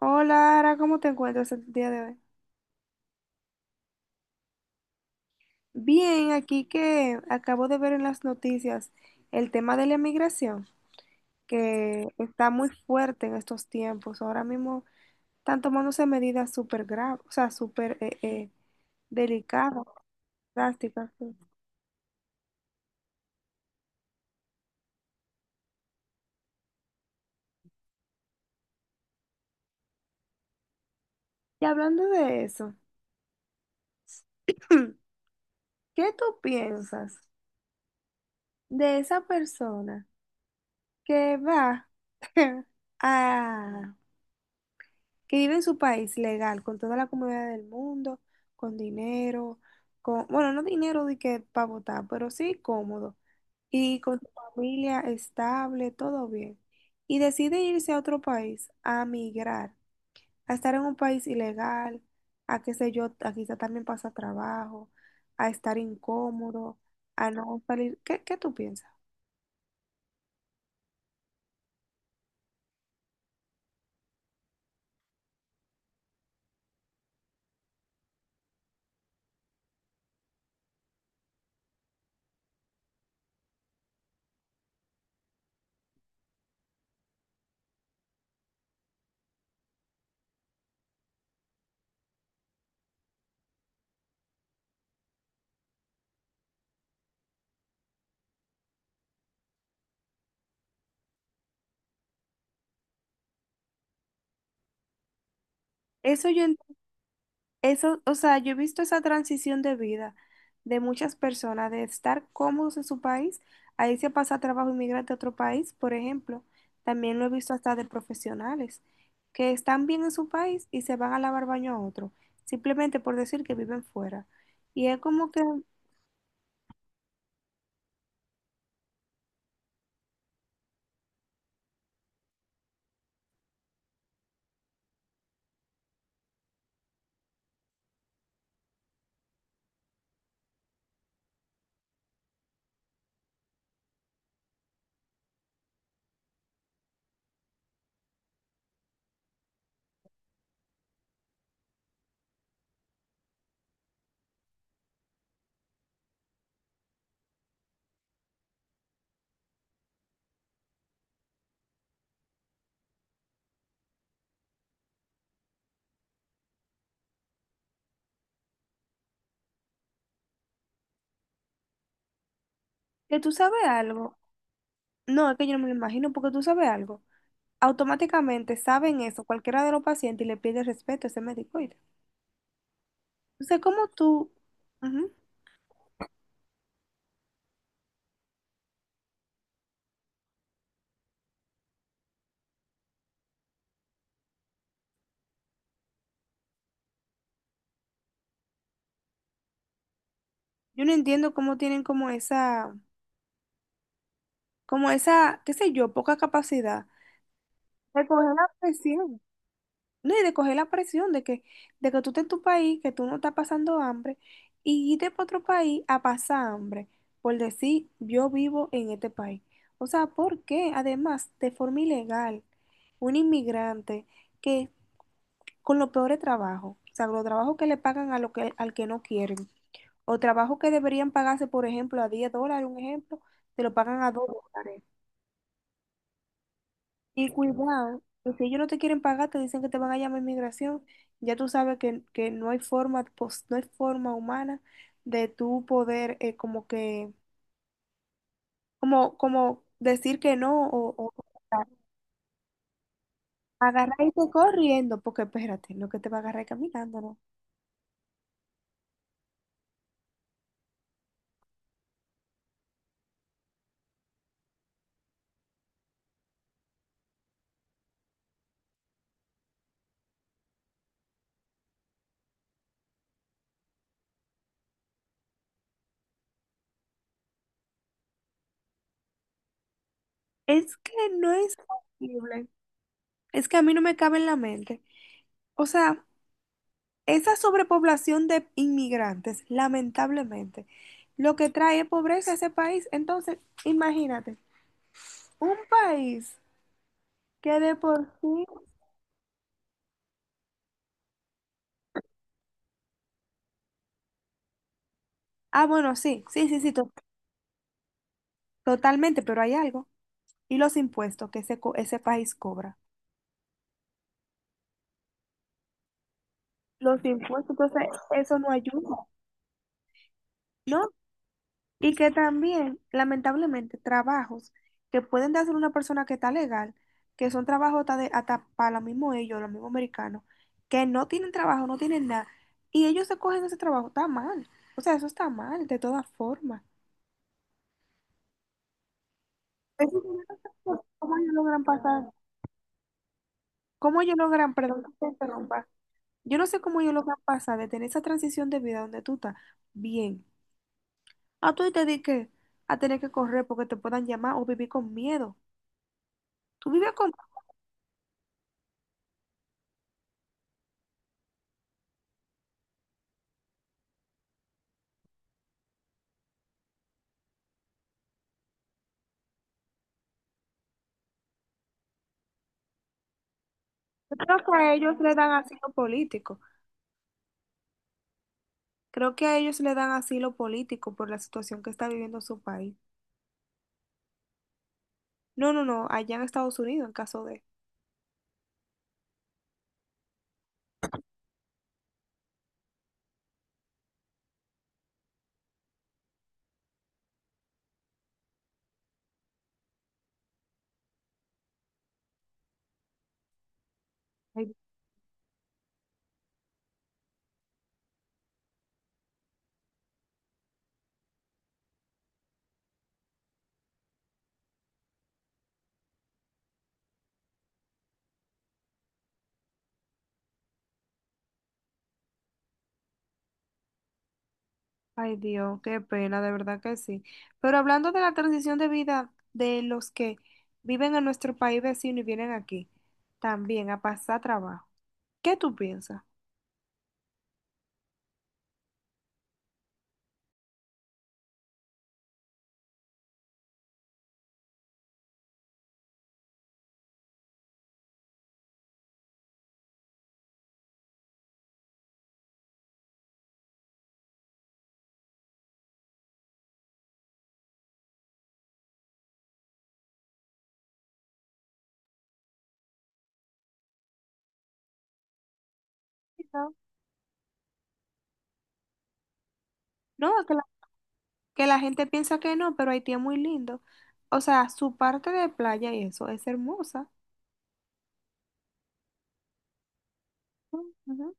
Hola, Ara, ¿cómo te encuentras el día de hoy? Bien, aquí que acabo de ver en las noticias el tema de la inmigración, que está muy fuerte en estos tiempos. Ahora mismo están tomándose medidas súper graves, o sea, súper delicadas, drásticas. Sí. Y hablando de eso, ¿qué tú piensas de esa persona que va que vive en su país legal, con toda la comodidad del mundo, con dinero, con, bueno, no dinero de que para votar, pero sí cómodo, y con su familia estable, todo bien, y decide irse a otro país, a migrar, a estar en un país ilegal, a qué sé yo, a quizá también pasa trabajo, a estar incómodo, a no salir, ¿qué tú piensas? Eso yo. Eso, o sea, yo he visto esa transición de vida de muchas personas, de estar cómodos en su país, ahí se pasa a trabajo inmigrante a otro país, por ejemplo. También lo he visto hasta de profesionales que están bien en su país y se van a lavar baño a otro, simplemente por decir que viven fuera. Y es como que tú sabes algo. No, es que yo no me lo imagino, porque tú sabes algo. Automáticamente saben eso, cualquiera de los pacientes, y le pide respeto a ese médico, oíste. Entonces, ¿cómo tú? Ujú. Yo no entiendo cómo tienen como esa, qué sé yo, poca capacidad de coger la presión. No, y de coger la presión de que tú estés en tu país, que tú no estás pasando hambre, y irte para otro país a pasar hambre, por decir, yo vivo en este país. O sea, ¿por qué? Además, de forma ilegal, un inmigrante que con los peores trabajos, o sea, los trabajos que le pagan a lo que, al que no quieren. O trabajo que deberían pagarse, por ejemplo, a $10, un ejemplo, te lo pagan a $2. Y cuidado, que si ellos no te quieren pagar, te dicen que te van a llamar a inmigración. Ya tú sabes que no hay forma, no hay forma humana de tú poder como que, como, como decir que no o, o agarrar y irte corriendo, porque espérate, no que te va a agarrar caminando, ¿no? Es que no es posible. Es que a mí no me cabe en la mente. O sea, esa sobrepoblación de inmigrantes, lamentablemente, lo que trae es pobreza a ese país. Entonces, imagínate, un país que de por sí... Ah, bueno, sí, sí, sí, sí, totalmente, pero hay algo. Y los impuestos que ese, ese país cobra. Los impuestos, entonces, eso no ayuda. No. Y que también, lamentablemente, trabajos que pueden hacer una persona que está legal, que son trabajos hasta, hasta para los mismos ellos, los mismos americanos, que no tienen trabajo, no tienen nada, y ellos se cogen ese trabajo, está mal. O sea, eso está mal, de todas formas. Eso. Es que yo no. ¿Cómo ellos logran pasar? ¿Cómo ellos logran, perdón que te interrumpa? Yo no sé cómo ellos logran pasar de tener esa transición de vida donde tú estás bien, a tú y te di que a tener que correr porque te puedan llamar o vivir con miedo. Tú vives con. Yo creo que a ellos le dan asilo político. Creo que a ellos le dan asilo político por la situación que está viviendo su país. No, no, no, allá en Estados Unidos, en caso de... Ay, ay, Dios, qué pena, de verdad que sí. Pero hablando de la transición de vida de los que viven en nuestro país vecino y vienen aquí, también a pasar trabajo. ¿Qué tú piensas? No, no, que la gente piensa que no, pero Haití es muy lindo. O sea, su parte de playa y eso es hermosa. Ujú.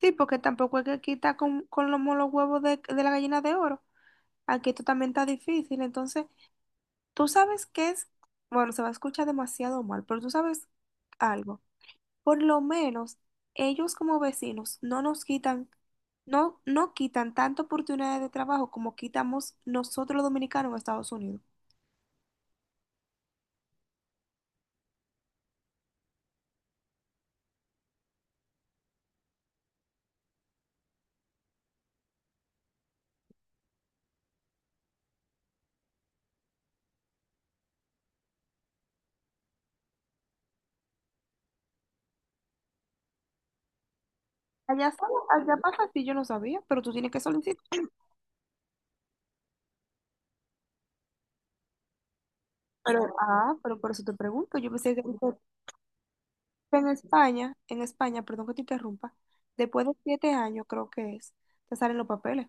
Sí, porque tampoco es que aquí está con los molos huevos de la gallina de oro. Aquí esto también está difícil. Entonces, tú sabes que es, bueno, se va a escuchar demasiado mal, pero tú sabes algo. Por lo menos ellos como vecinos no nos quitan, no, no quitan tanta oportunidad de trabajo como quitamos nosotros los dominicanos en Estados Unidos. Allá, allá pasa así, yo no sabía, pero tú tienes que solicitar. Pero, ah, pero por eso te pregunto, yo pensé que... Pero en España, perdón que te interrumpa, después de 7 años creo que es, te salen los papeles.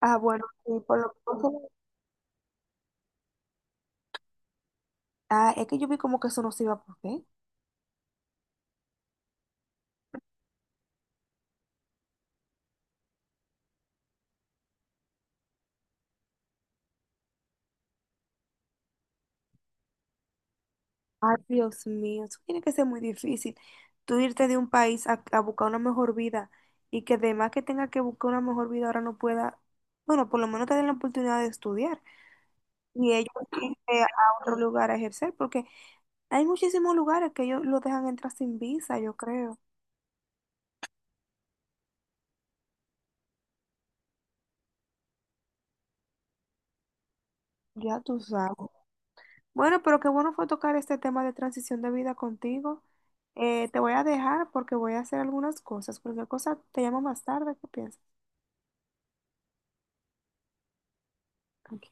Ah, bueno, y por lo que... Ah, es que yo vi como que eso no se iba a poder. Ay, Dios mío, eso tiene que ser muy difícil. Tú irte de un país a buscar una mejor vida y que además que tenga que buscar una mejor vida ahora no pueda, bueno, por lo menos te den la oportunidad de estudiar y ellos irse a otro lugar a ejercer, porque hay muchísimos lugares que ellos lo dejan entrar sin visa, yo creo. Ya tú sabes. Bueno, pero qué bueno fue tocar este tema de transición de vida contigo. Te voy a dejar porque voy a hacer algunas cosas. Cualquier cosa te llamo más tarde. ¿Qué piensas? Ok.